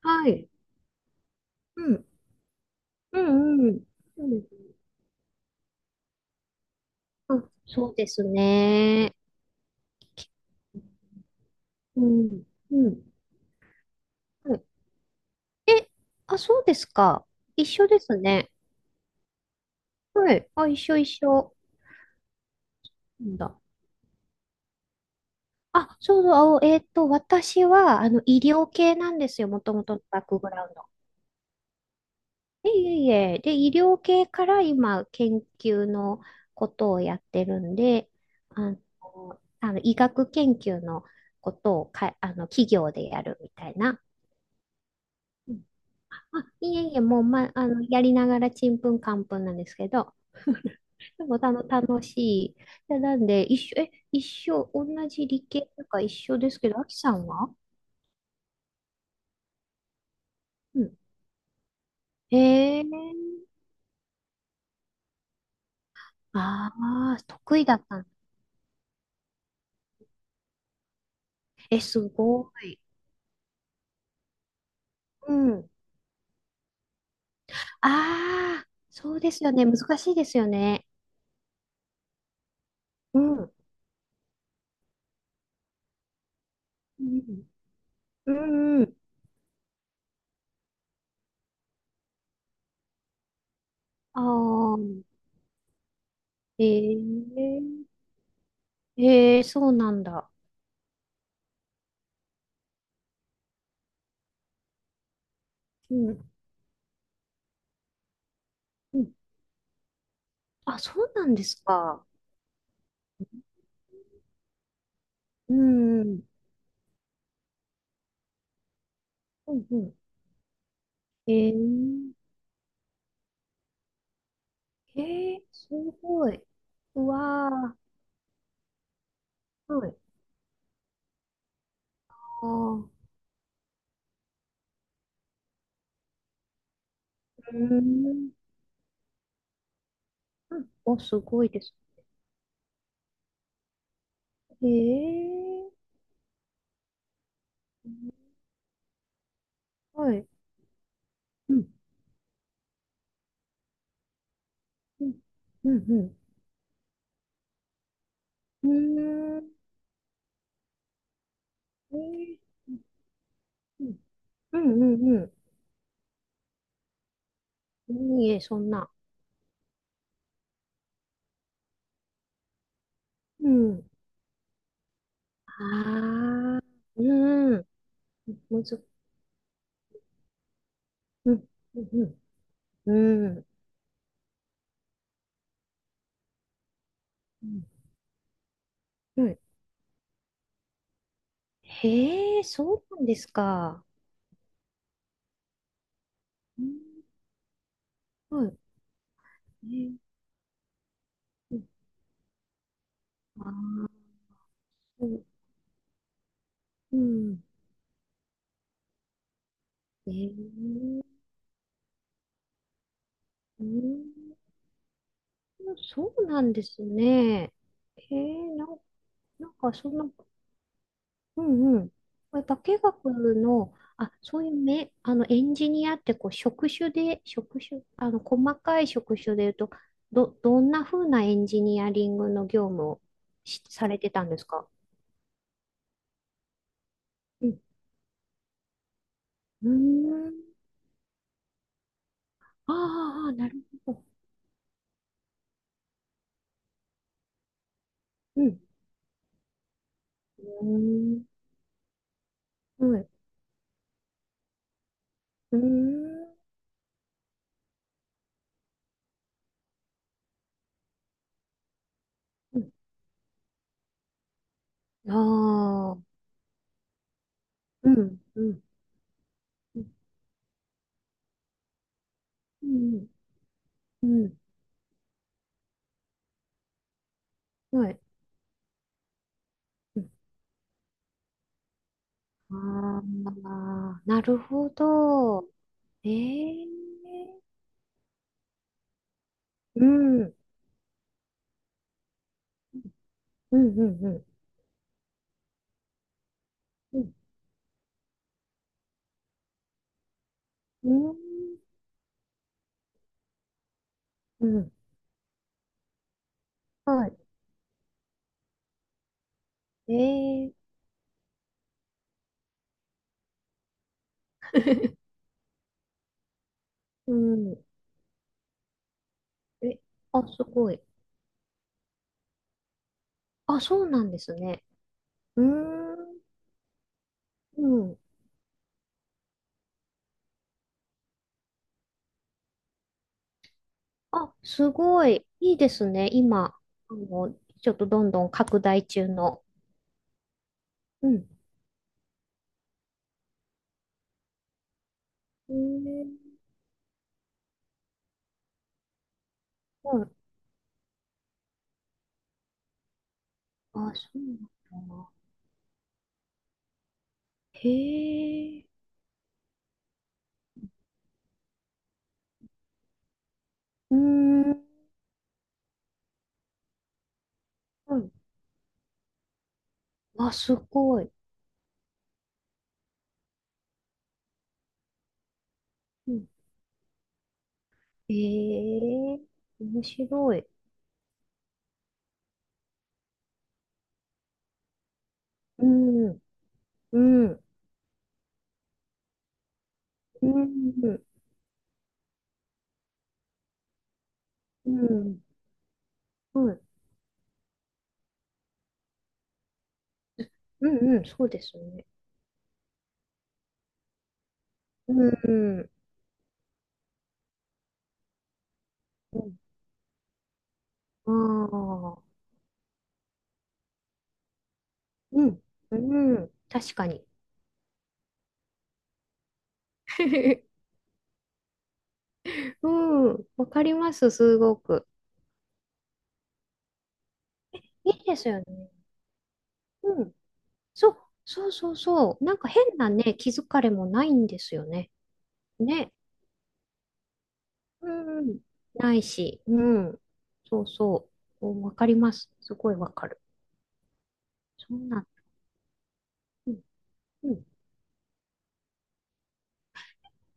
はい。うん。うんうん。そうん。あ、そうですね。うん。うん。はいえ、あ、そうですか。一緒ですね。はい。あ、一緒一緒。なんだ。あ、そうそう。私は、医療系なんですよ。もともとのバックグラウンド。いえいえいえ。で、医療系から今、研究のことをやってるんで、あの、あの医学研究のことをか、企業でやるみたいな。あ、いえいえ、もう、ま、あの、やりながらちんぷんかんぷんなんですけど、でも楽しい。でなんで、一緒、一緒、同じ理系とか一緒ですけど、あきさんはうん。へえ、ああ、得意だったの。え、すごい。うん。ああ、そうですよね。難しいですよね。うん。うん。うんうん。ああ、ええ、ええ、そうなんだ。うん。うん。あ、そうなんですか。うん、うん、うんうん。えー、えー、すごい。うわー、はい。あー、うーん。うんお、すごいですね。えー、はい。うん、うん、うん、うん。うーん、えー、うん、うん、うん。いいえ、そんな。うん。ああ、うん。むず、うん、うん、うん。うんうんはいへえ、そうなんですか。うんはい。えうん。ああ、うん、うん。えー、うん、そうなんですね。えー、なん、なんかその、うんうん。これ化学の、あ、そういうめ、エンジニアってこう職種で、職種、細かい職種で言うと、どんな風なエンジニアリングの業務をされてたんですかうん。うーん。あーあー、なるほど。うん。うーん。はい。うーん。ああ、うん、うん、うん、うん、うんはい。ああ、なるほど。ええうん、うん、うん、うん、うん、うん、うんはい。ええ うん。え、あ、すごい。あ、そうなんですね。うーん、うん。あ、すごい。いいですね。今、あの、ちょっとどんどん拡大中の。うん。ええはい。あ、そうなんだ。へえ、うーん、うんあ、すごい。うん、へえ、面白い。うん、うん、うん、うん、うん、うん、うん、そうですね。うん、うん、ああ、うん、うん、確かに。うん、わかります、すごく。いいですよね。うん、そう、そうそうそう。なんか変なね、気づかれもないんですよね。ね。うん。ないし、うん。そうそう。おわかります。すごいわかる。そんな、うん、うん。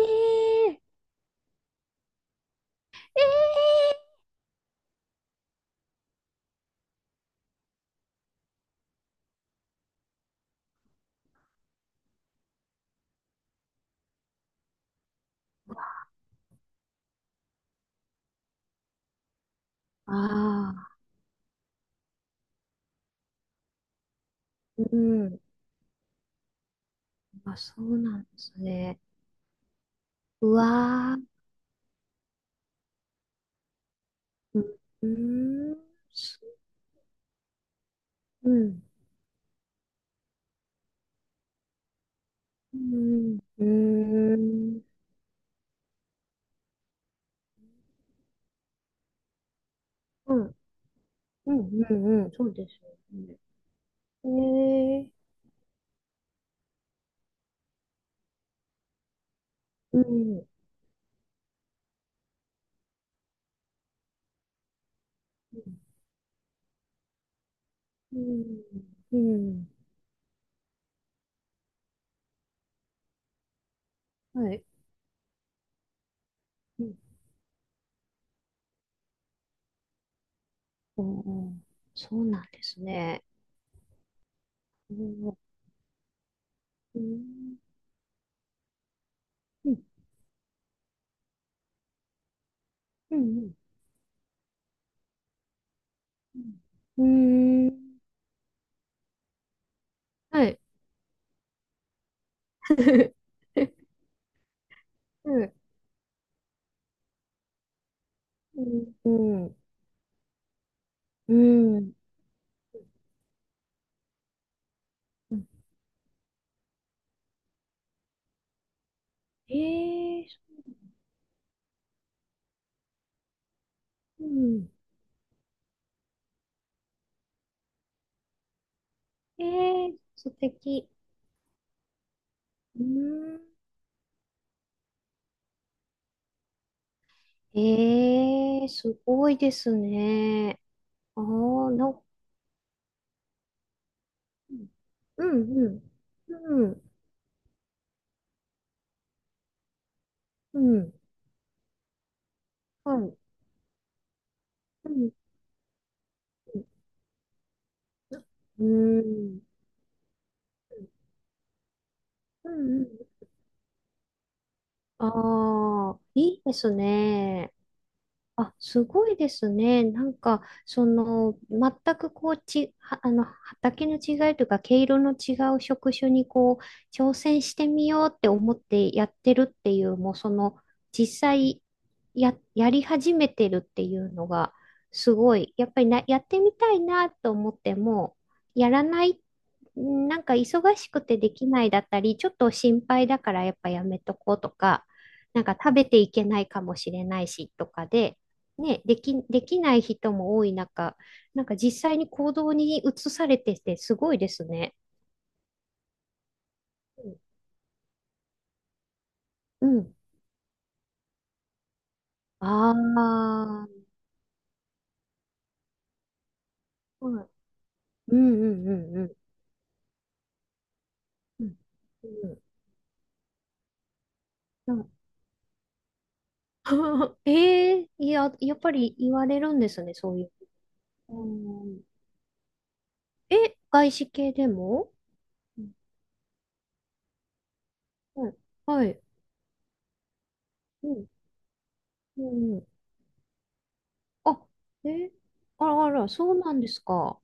ええああー、うん。あ、そうなんですね。うわー、うん、うーん、すうん、うん、うーん、うん、うん、うん、うんそうですよね。ええうん、うん、うん、はい。うん、うん、うんそうなんですね。うんうん。うん。うん。うん。うーんはい。うん。うん。うん。うんええうん。ええ素敵。うん。ええすごいですね。ああ、なん、うん、うん。うん、うん。うんはい。うん、うん。うん、うん。うんああ、いいですね。あ、すごいですね。なんか、その、全くこう、は畑の違いというか、毛色の違う職種にこう、挑戦してみようって思ってやってるっていう、もうその、実際やり始めてるっていうのが、すごい。やっぱりな、やってみたいなと思っても、やらない、んなんか忙しくてできないだったり、ちょっと心配だからやっぱやめとこうとか、なんか食べていけないかもしれないしとかで、ね、できない人も多い中、なんか実際に行動に移されててすごいですね。うん。うんああ、はいうんうんうんうん。うんうん。うん ええいや、やっぱり言われるんですね、そういう。うんえ、外資系でもうんはい。はいうん。うん。あ、え、あらあら、そうなんですか。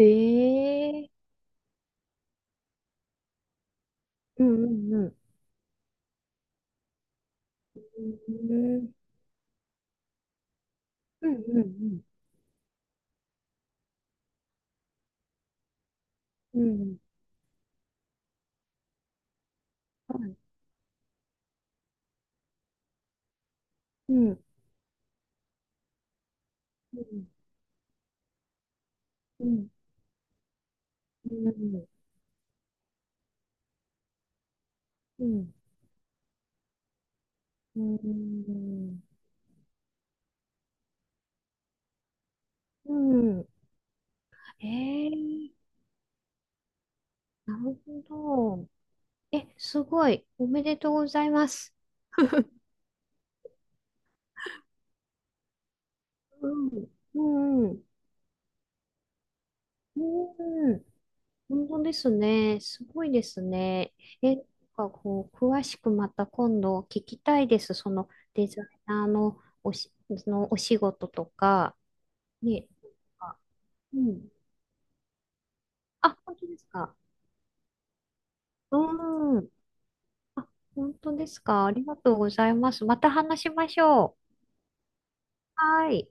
ええうんうんうん。うんうんうんうんうん。はい。うん。うん。うん。うん。うん。うん。うんえー、なるほど。え、すごい。おめでとうございます。うん。うん。うん。本当ですね。すごいですね。え、なんかこう、詳しくまた今度聞きたいです。そのデザイナーのそのお仕事とか。ね。なんかうん。あ、本当ですか。うん。あ、本当ですか。ありがとうございます。また話しましょう。はい。